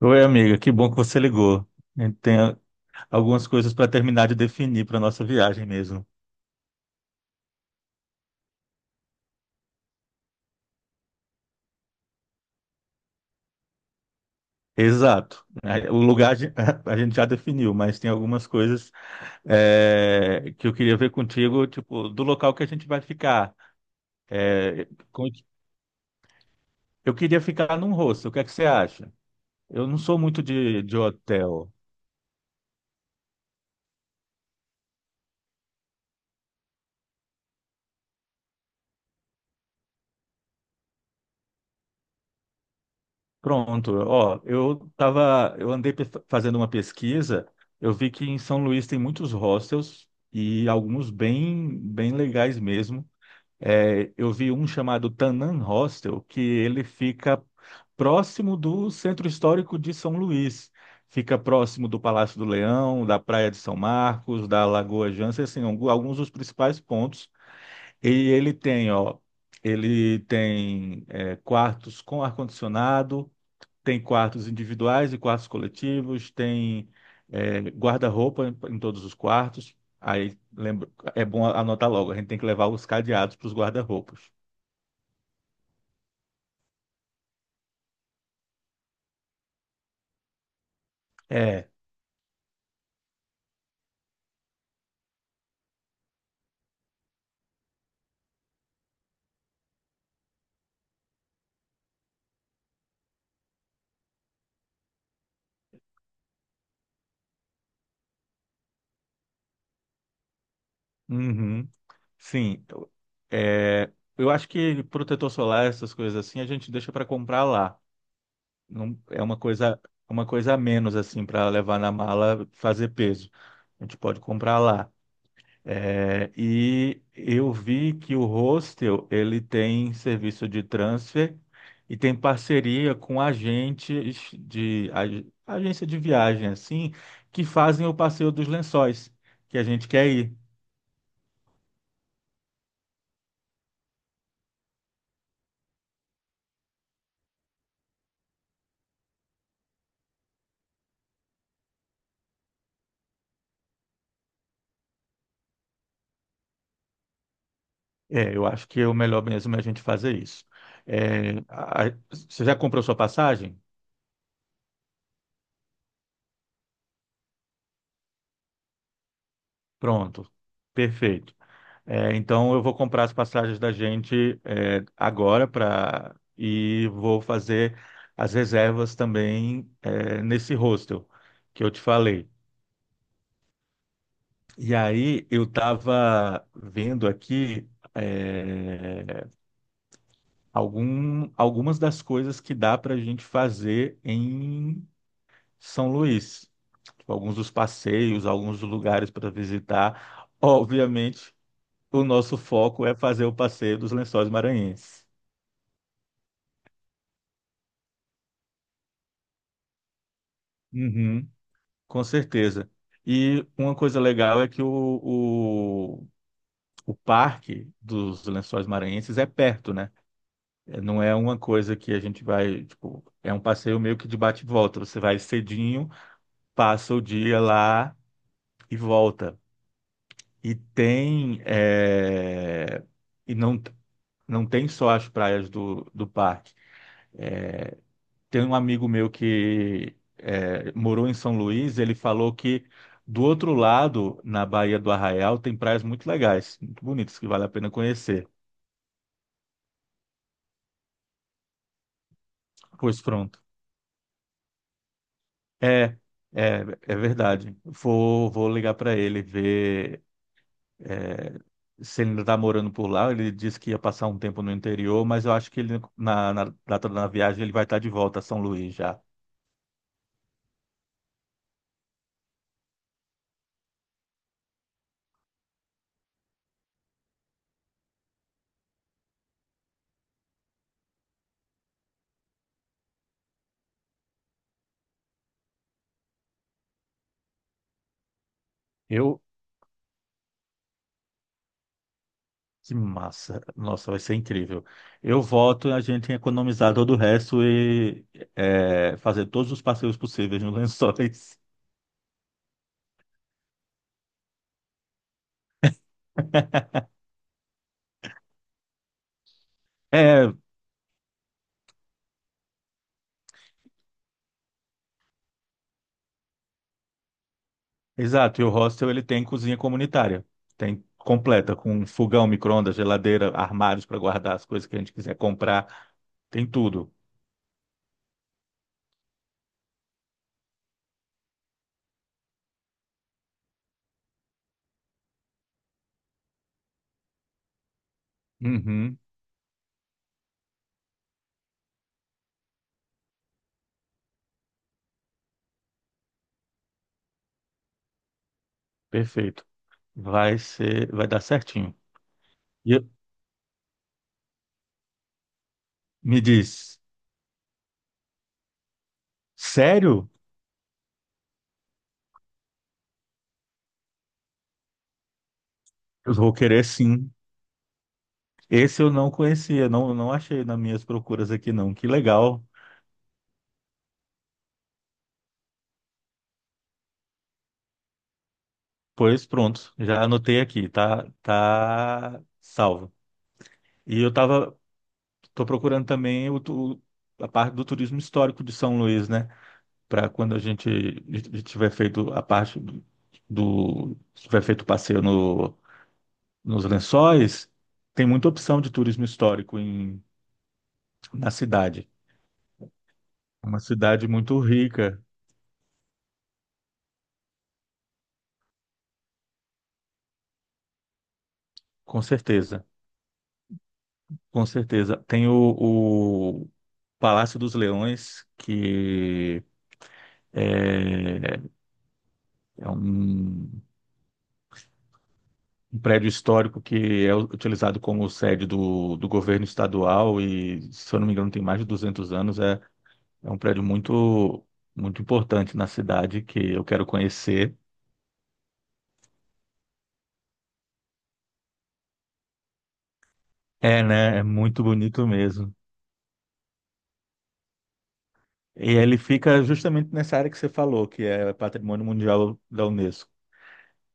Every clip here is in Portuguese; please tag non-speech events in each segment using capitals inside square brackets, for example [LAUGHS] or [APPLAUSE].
Oi, amiga, que bom que você ligou. A gente tem algumas coisas para terminar de definir para nossa viagem mesmo. Exato. Aí, o lugar [LAUGHS] a gente já definiu, mas tem algumas coisas que eu queria ver contigo, tipo, do local que a gente vai ficar. É, com- eu queria ficar num hostel, o que é que você acha? Eu não sou muito de hotel. Pronto, ó, eu andei fazendo uma pesquisa, eu vi que em São Luís tem muitos hostels e alguns bem, bem legais mesmo. É, eu vi um chamado Tanan Hostel, que ele fica próximo do Centro Histórico de São Luís. Fica próximo do Palácio do Leão, da Praia de São Marcos, da Lagoa Jança, assim, alguns dos principais pontos. E ele tem, ó, quartos com ar-condicionado, tem quartos individuais e quartos coletivos, tem guarda-roupa em todos os quartos. Aí lembra, é bom anotar logo, a gente tem que levar os cadeados para os guarda-roupas. É, uhum, sim. É, eu acho que protetor solar, essas coisas assim, a gente deixa para comprar lá. Não, é uma coisa a menos assim para levar na mala, fazer peso. A gente pode comprar lá. É, e eu vi que o Hostel ele tem serviço de transfer e tem parceria com agentes de agência de viagem assim que fazem o passeio dos lençóis que a gente quer ir. É, eu acho que é o melhor mesmo é a gente fazer isso. É, você já comprou sua passagem? Pronto, perfeito. É, então eu vou comprar as passagens da gente agora para e vou fazer as reservas também nesse hostel que eu te falei. E aí eu estava vendo aqui é, algumas das coisas que dá para a gente fazer em São Luís, tipo, alguns dos passeios, alguns dos lugares para visitar. Obviamente, o nosso foco é fazer o passeio dos Lençóis Maranhenses. Uhum. Com certeza. E uma coisa legal é que o, o parque dos Lençóis Maranhenses é perto, né? É. Não é uma coisa que a gente vai, tipo, é um passeio meio que de bate e volta. Você vai cedinho, passa o dia lá e volta. E tem, é, e não, não tem só as praias do parque. Tem um amigo meu que morou em São Luís, ele falou que do outro lado, na Baía do Arraial, tem praias muito legais, muito bonitas, que vale a pena conhecer. Pois pronto. É, é verdade. Vou ligar para ele, ver é, se ele ainda está morando por lá. Ele disse que ia passar um tempo no interior, mas eu acho que ele, na data da viagem ele vai estar de volta a São Luís já. Eu, Que massa. Nossa, vai ser incrível. Eu voto a gente economizar todo o resto e fazer todos os passeios possíveis no [LAUGHS] Lençóis. É, exato. E o hostel ele tem cozinha comunitária. Tem completa, com fogão, micro-ondas, geladeira, armários para guardar as coisas que a gente quiser comprar. Tem tudo. Uhum, perfeito. Vai ser, vai dar certinho. E eu- Me diz, sério? Eu vou querer sim. Esse eu não conhecia, não, não achei nas minhas procuras aqui, não. Que legal. Pois pronto, já anotei aqui, tá salvo. E tô procurando também a parte do turismo histórico de São Luís, né? Para quando a gente tiver feito a parte do, do- tiver feito o passeio no, nos Lençóis, tem muita opção de turismo histórico na cidade. É uma cidade muito rica, com certeza, com certeza. Tem o Palácio dos Leões, que é É um prédio histórico que é utilizado como sede do governo estadual e, se eu não me engano, tem mais de 200 anos. É um prédio muito, muito importante na cidade que eu quero conhecer. É, né? É muito bonito mesmo. E ele fica justamente nessa área que você falou, que é Patrimônio Mundial da Unesco.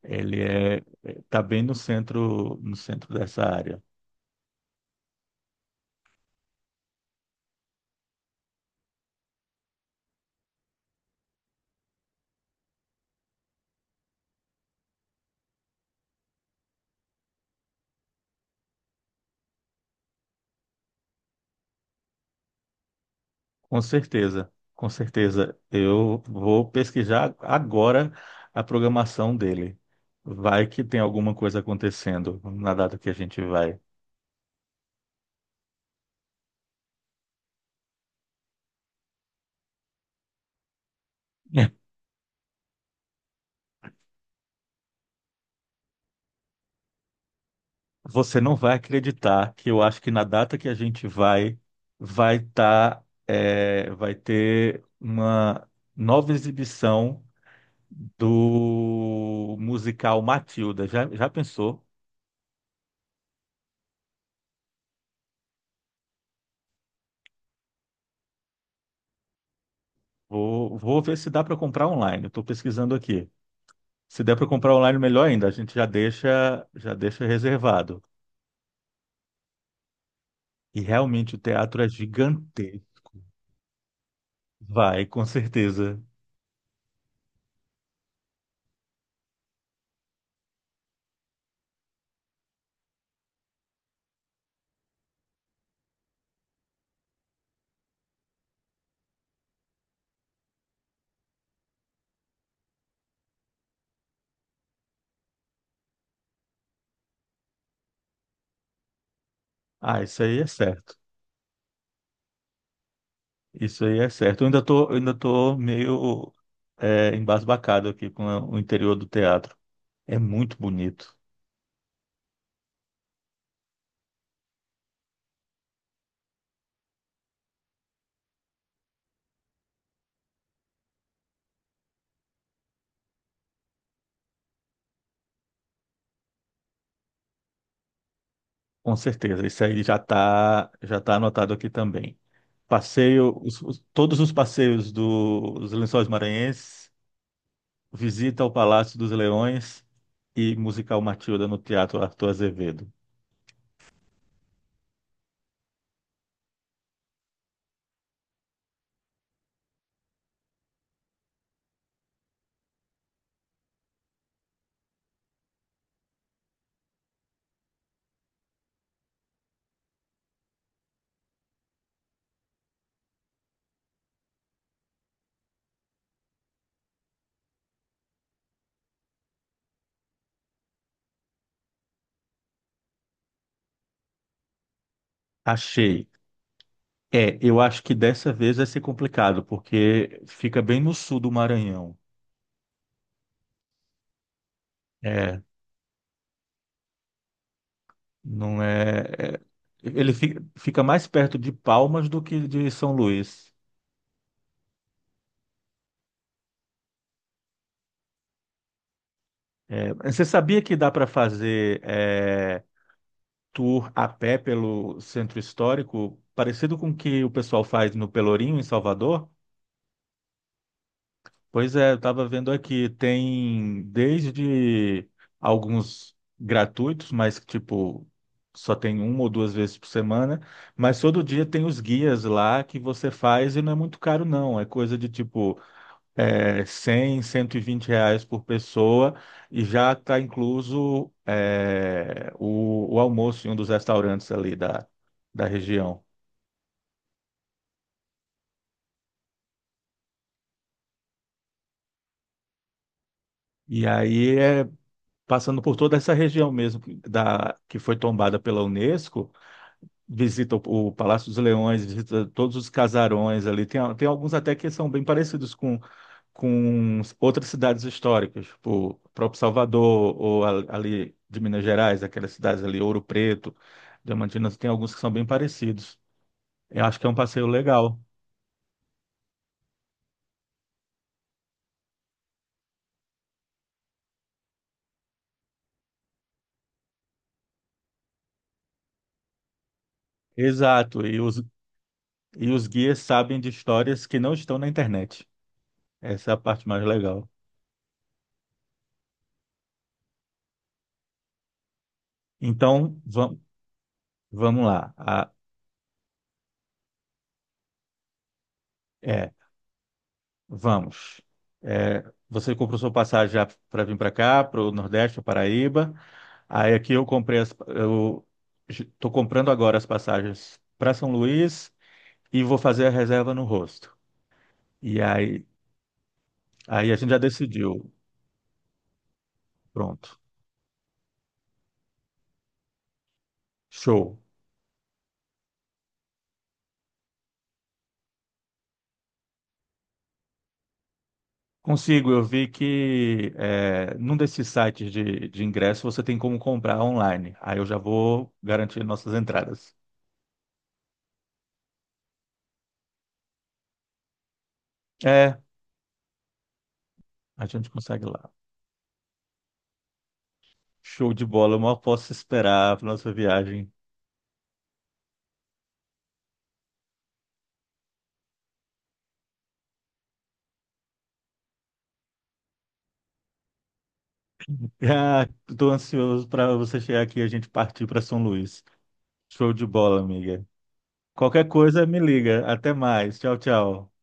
Ele tá bem no centro, dessa área. Com certeza, com certeza. Eu vou pesquisar agora a programação dele. Vai que tem alguma coisa acontecendo na data que a gente vai. [LAUGHS] Você não vai acreditar que eu acho que na data que a gente vai, vai ter uma nova exibição do musical Matilda. Já pensou? Vou ver se dá para comprar online. Estou pesquisando aqui. Se der para comprar online, melhor ainda. A gente já deixa reservado. E realmente o teatro é gigantesco. Vai, com certeza. Ah, isso aí é certo. Isso aí é certo. Eu ainda tô meio embasbacado aqui com o interior do teatro. É muito bonito. Com certeza. Isso aí já tá anotado aqui também. Passeio, todos os passeios dos Lençóis Maranhenses, visita ao Palácio dos Leões e musical Matilda no Teatro Arthur Azevedo. Achei. É, eu acho que dessa vez vai ser complicado, porque fica bem no sul do Maranhão. É, não é. Fica mais perto de Palmas do que de São Luís. É, você sabia que dá para fazer tour a pé pelo centro histórico, parecido com o que o pessoal faz no Pelourinho, em Salvador? Pois é, eu estava vendo aqui, tem desde alguns gratuitos, mas que, tipo, só tem uma ou duas vezes por semana, mas todo dia tem os guias lá que você faz e não é muito caro não, é coisa de tipo é, cem R$ 120 por pessoa e já está incluso o almoço em um dos restaurantes ali da região. E aí é passando por toda essa região mesmo que foi tombada pela Unesco, visita o Palácio dos Leões, visita todos os casarões ali. Tem alguns até que são bem parecidos com outras cidades históricas, tipo o próprio Salvador, ou ali de Minas Gerais, aquelas cidades ali, Ouro Preto, Diamantina, tem alguns que são bem parecidos. Eu acho que é um passeio legal. Exato, e os guias sabem de histórias que não estão na internet. Essa é a parte mais legal. Então, vamos lá. É, Vamos. É, você comprou sua passagem já para vir para cá, para o Nordeste, para Paraíba. Aí aqui eu estou comprando agora as passagens para São Luís e vou fazer a reserva no rosto. E aí a gente já decidiu. Pronto. Show. Consigo. Eu vi que num desses sites de ingresso você tem como comprar online. Aí eu já vou garantir nossas entradas. É, a gente consegue lá. Show de bola. Eu mal posso esperar para nossa viagem. Ah, tô ansioso para você chegar aqui e a gente partir para São Luís. Show de bola, amiga. Qualquer coisa, me liga. Até mais. Tchau, tchau.